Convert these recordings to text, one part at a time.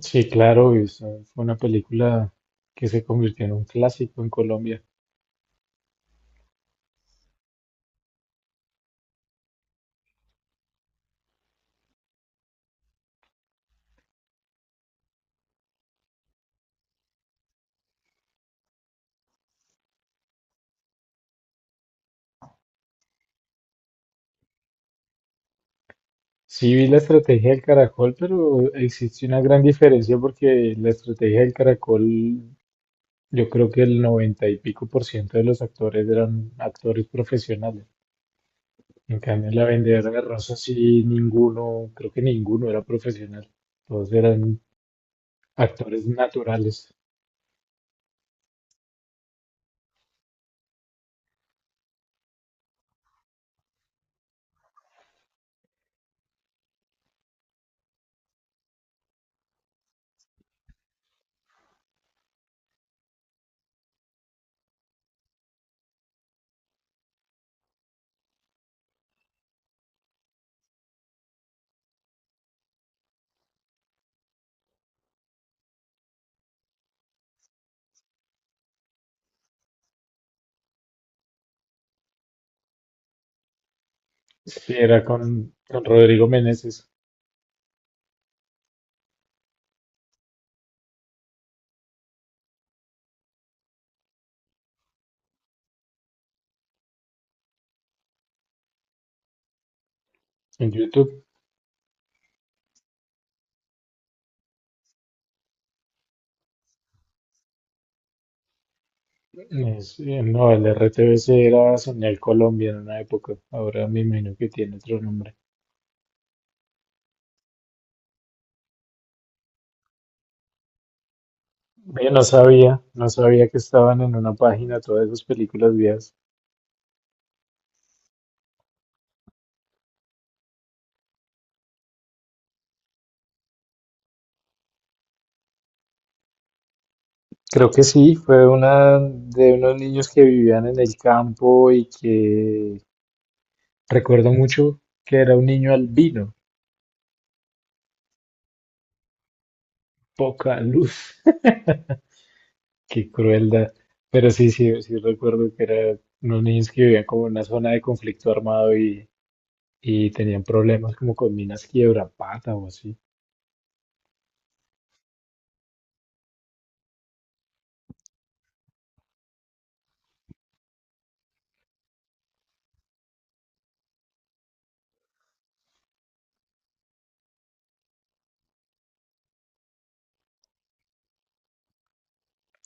Sí, claro, y esa fue una película que se convirtió en un clásico en Colombia. Sí vi la estrategia del caracol, pero existe una gran diferencia porque la estrategia del caracol, yo creo que el noventa y pico por ciento de los actores eran actores profesionales. En cambio, en la vendedora de rosas sí ninguno, creo que ninguno era profesional. Todos eran actores naturales. Sí, era con Rodrigo Meneses. En YouTube. Sí, no, el RTBC era Señal Colombia en una época. Ahora me imagino que tiene otro nombre. Yo no sabía, no sabía que estaban en una página todas esas películas viejas. Creo que sí, fue una de unos niños que vivían en el campo y que recuerdo mucho que era un niño albino. Poca luz. Qué crueldad. Pero sí, sí, sí recuerdo que eran unos niños que vivían como en una zona de conflicto armado y tenían problemas como con minas Quiebrapata o así.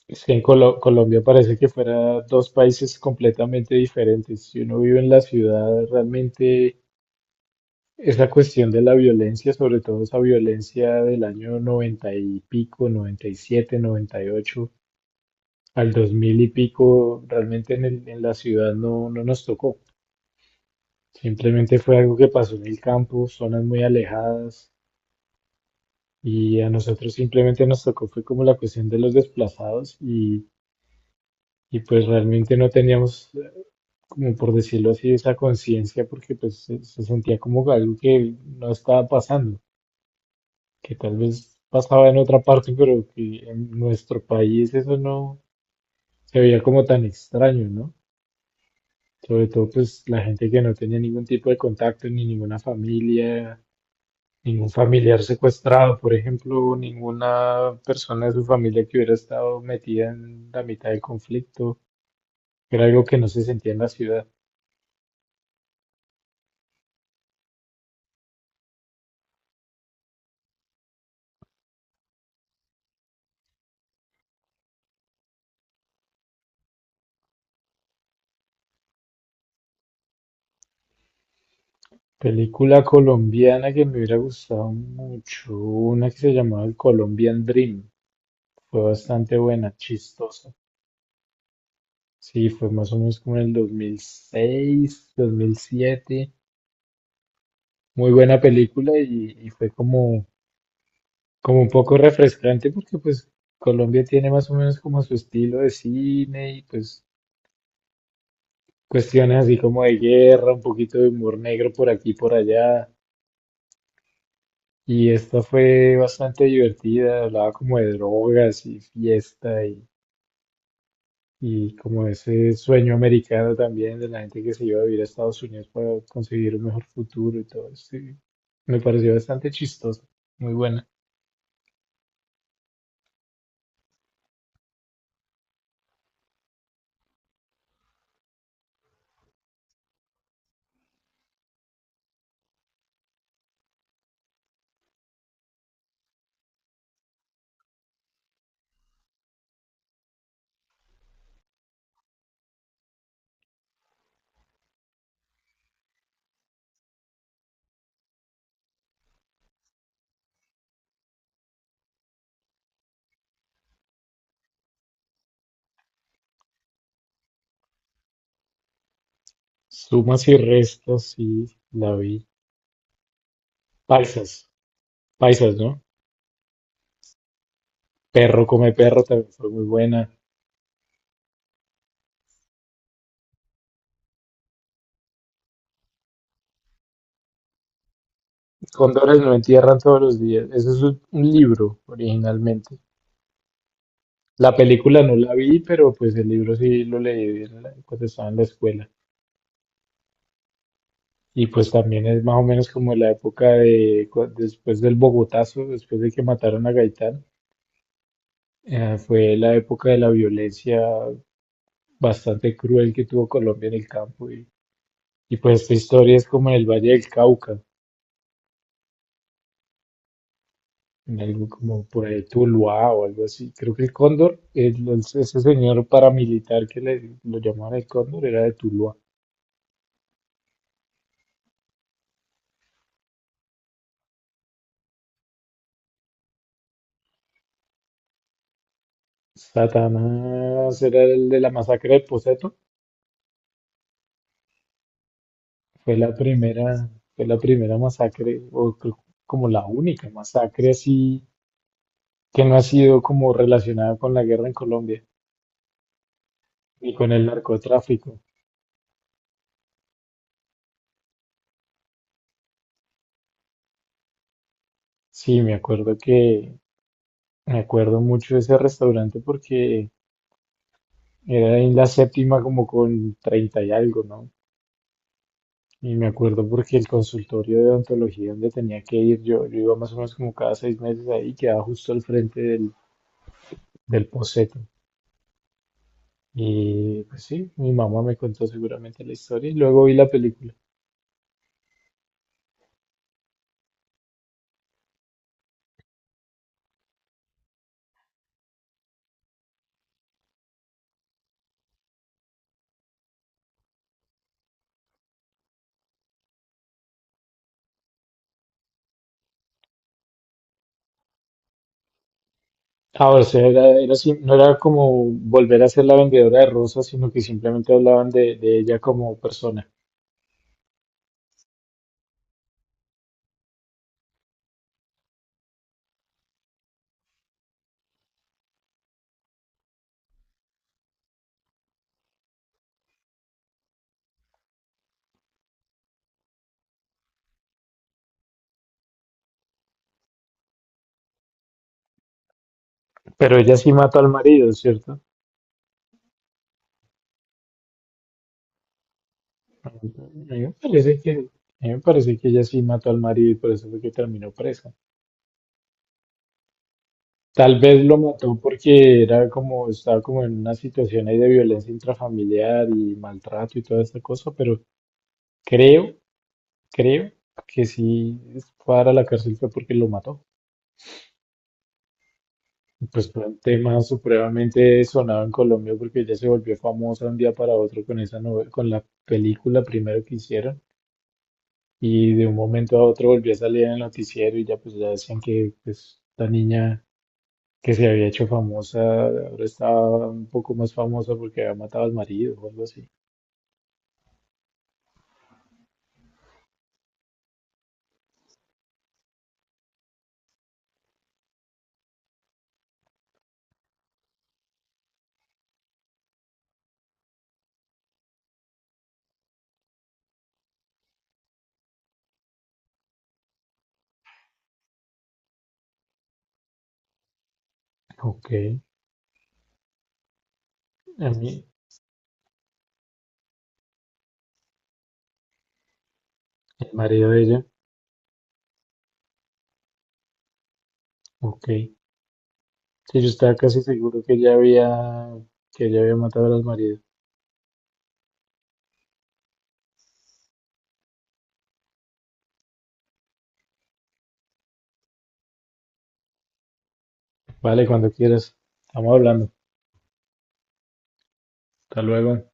Es que en Colombia parece que fuera dos países completamente diferentes. Si uno vive en la ciudad, realmente esa cuestión de la violencia, sobre todo esa violencia del año 90 y pico, noventa, 97, 98, al 2000 y pico, realmente en la ciudad no, no nos tocó. Simplemente fue algo que pasó en el campo, zonas muy alejadas, y a nosotros simplemente nos tocó, fue como la cuestión de los desplazados, y pues realmente no teníamos, como por decirlo así, esa conciencia, porque pues se sentía como algo que no estaba pasando, que tal vez pasaba en otra parte, pero que en nuestro país eso no se veía como tan extraño, ¿no? Sobre todo, pues la gente que no tenía ningún tipo de contacto, ni ninguna familia, ningún familiar secuestrado, por ejemplo, ninguna persona de su familia que hubiera estado metida en la mitad del conflicto. Era algo que no se sentía en la ciudad. Película colombiana que me hubiera gustado mucho, una que se llamaba El Colombian Dream. Fue bastante buena, chistosa. Sí, fue más o menos como en el 2006, 2007. Muy buena película y fue como como un poco refrescante porque pues Colombia tiene más o menos como su estilo de cine y pues cuestiones así como de guerra, un poquito de humor negro por aquí y por allá. Y esta fue bastante divertida, hablaba como de drogas y fiesta y como ese sueño americano también de la gente que se iba a vivir a Estados Unidos para conseguir un mejor futuro y todo eso, y me pareció bastante chistoso, muy buena. Sumas y restas, sí, la vi. Paisas, paisas, ¿no? Perro come perro también fue muy buena. Cóndores no entierran todos los días. Eso es un libro originalmente. La película no la vi, pero pues el libro sí lo leí cuando estaba en la escuela. Y pues también es más o menos como la época de después del Bogotazo, después de que mataron a Gaitán. Fue la época de la violencia bastante cruel que tuvo Colombia en el campo. Y pues esta historia es como en el Valle del Cauca. En algo como por ahí Tuluá o algo así. Creo que el Cóndor, ese señor paramilitar que lo llamaban el Cóndor, era de Tuluá. Satanás era el de la masacre de Poseto. Fue la primera, fue la primera masacre, o creo que como la única masacre así que no ha sido como relacionada con la guerra en Colombia ni con el narcotráfico. Sí, me acuerdo mucho de ese restaurante porque era en la séptima como con 30 y algo, ¿no? Y me acuerdo porque el consultorio de odontología donde tenía que ir, yo iba más o menos como cada 6 meses ahí, quedaba justo al frente del Poseto. Y pues sí, mi mamá me contó seguramente la historia y luego vi la película. Ahora, o sea, era así, no era como volver a ser la vendedora de rosas, sino que simplemente hablaban de ella como persona. Pero ella sí mató al marido, ¿cierto? A mí me parece que, a mí me parece que ella sí mató al marido y por eso fue que terminó presa. Tal vez lo mató porque era como, estaba como en una situación ahí de violencia intrafamiliar y maltrato y toda esta cosa, pero creo, creo que sí fue a la cárcel fue porque lo mató. Y pues fue un tema supremamente sonado en Colombia porque ella se volvió famosa un día para otro con esa novela, con la película primero que hicieron y de un momento a otro volvió a salir en el noticiero y ya pues ya decían que pues, esta niña que se había hecho famosa, ahora está un poco más famosa porque había matado al marido o algo así. Ok, a mí, el marido de ella, ok. Sí, yo estaba casi seguro que ella había matado al marido. Vale, cuando quieras. Estamos hablando. Hasta luego.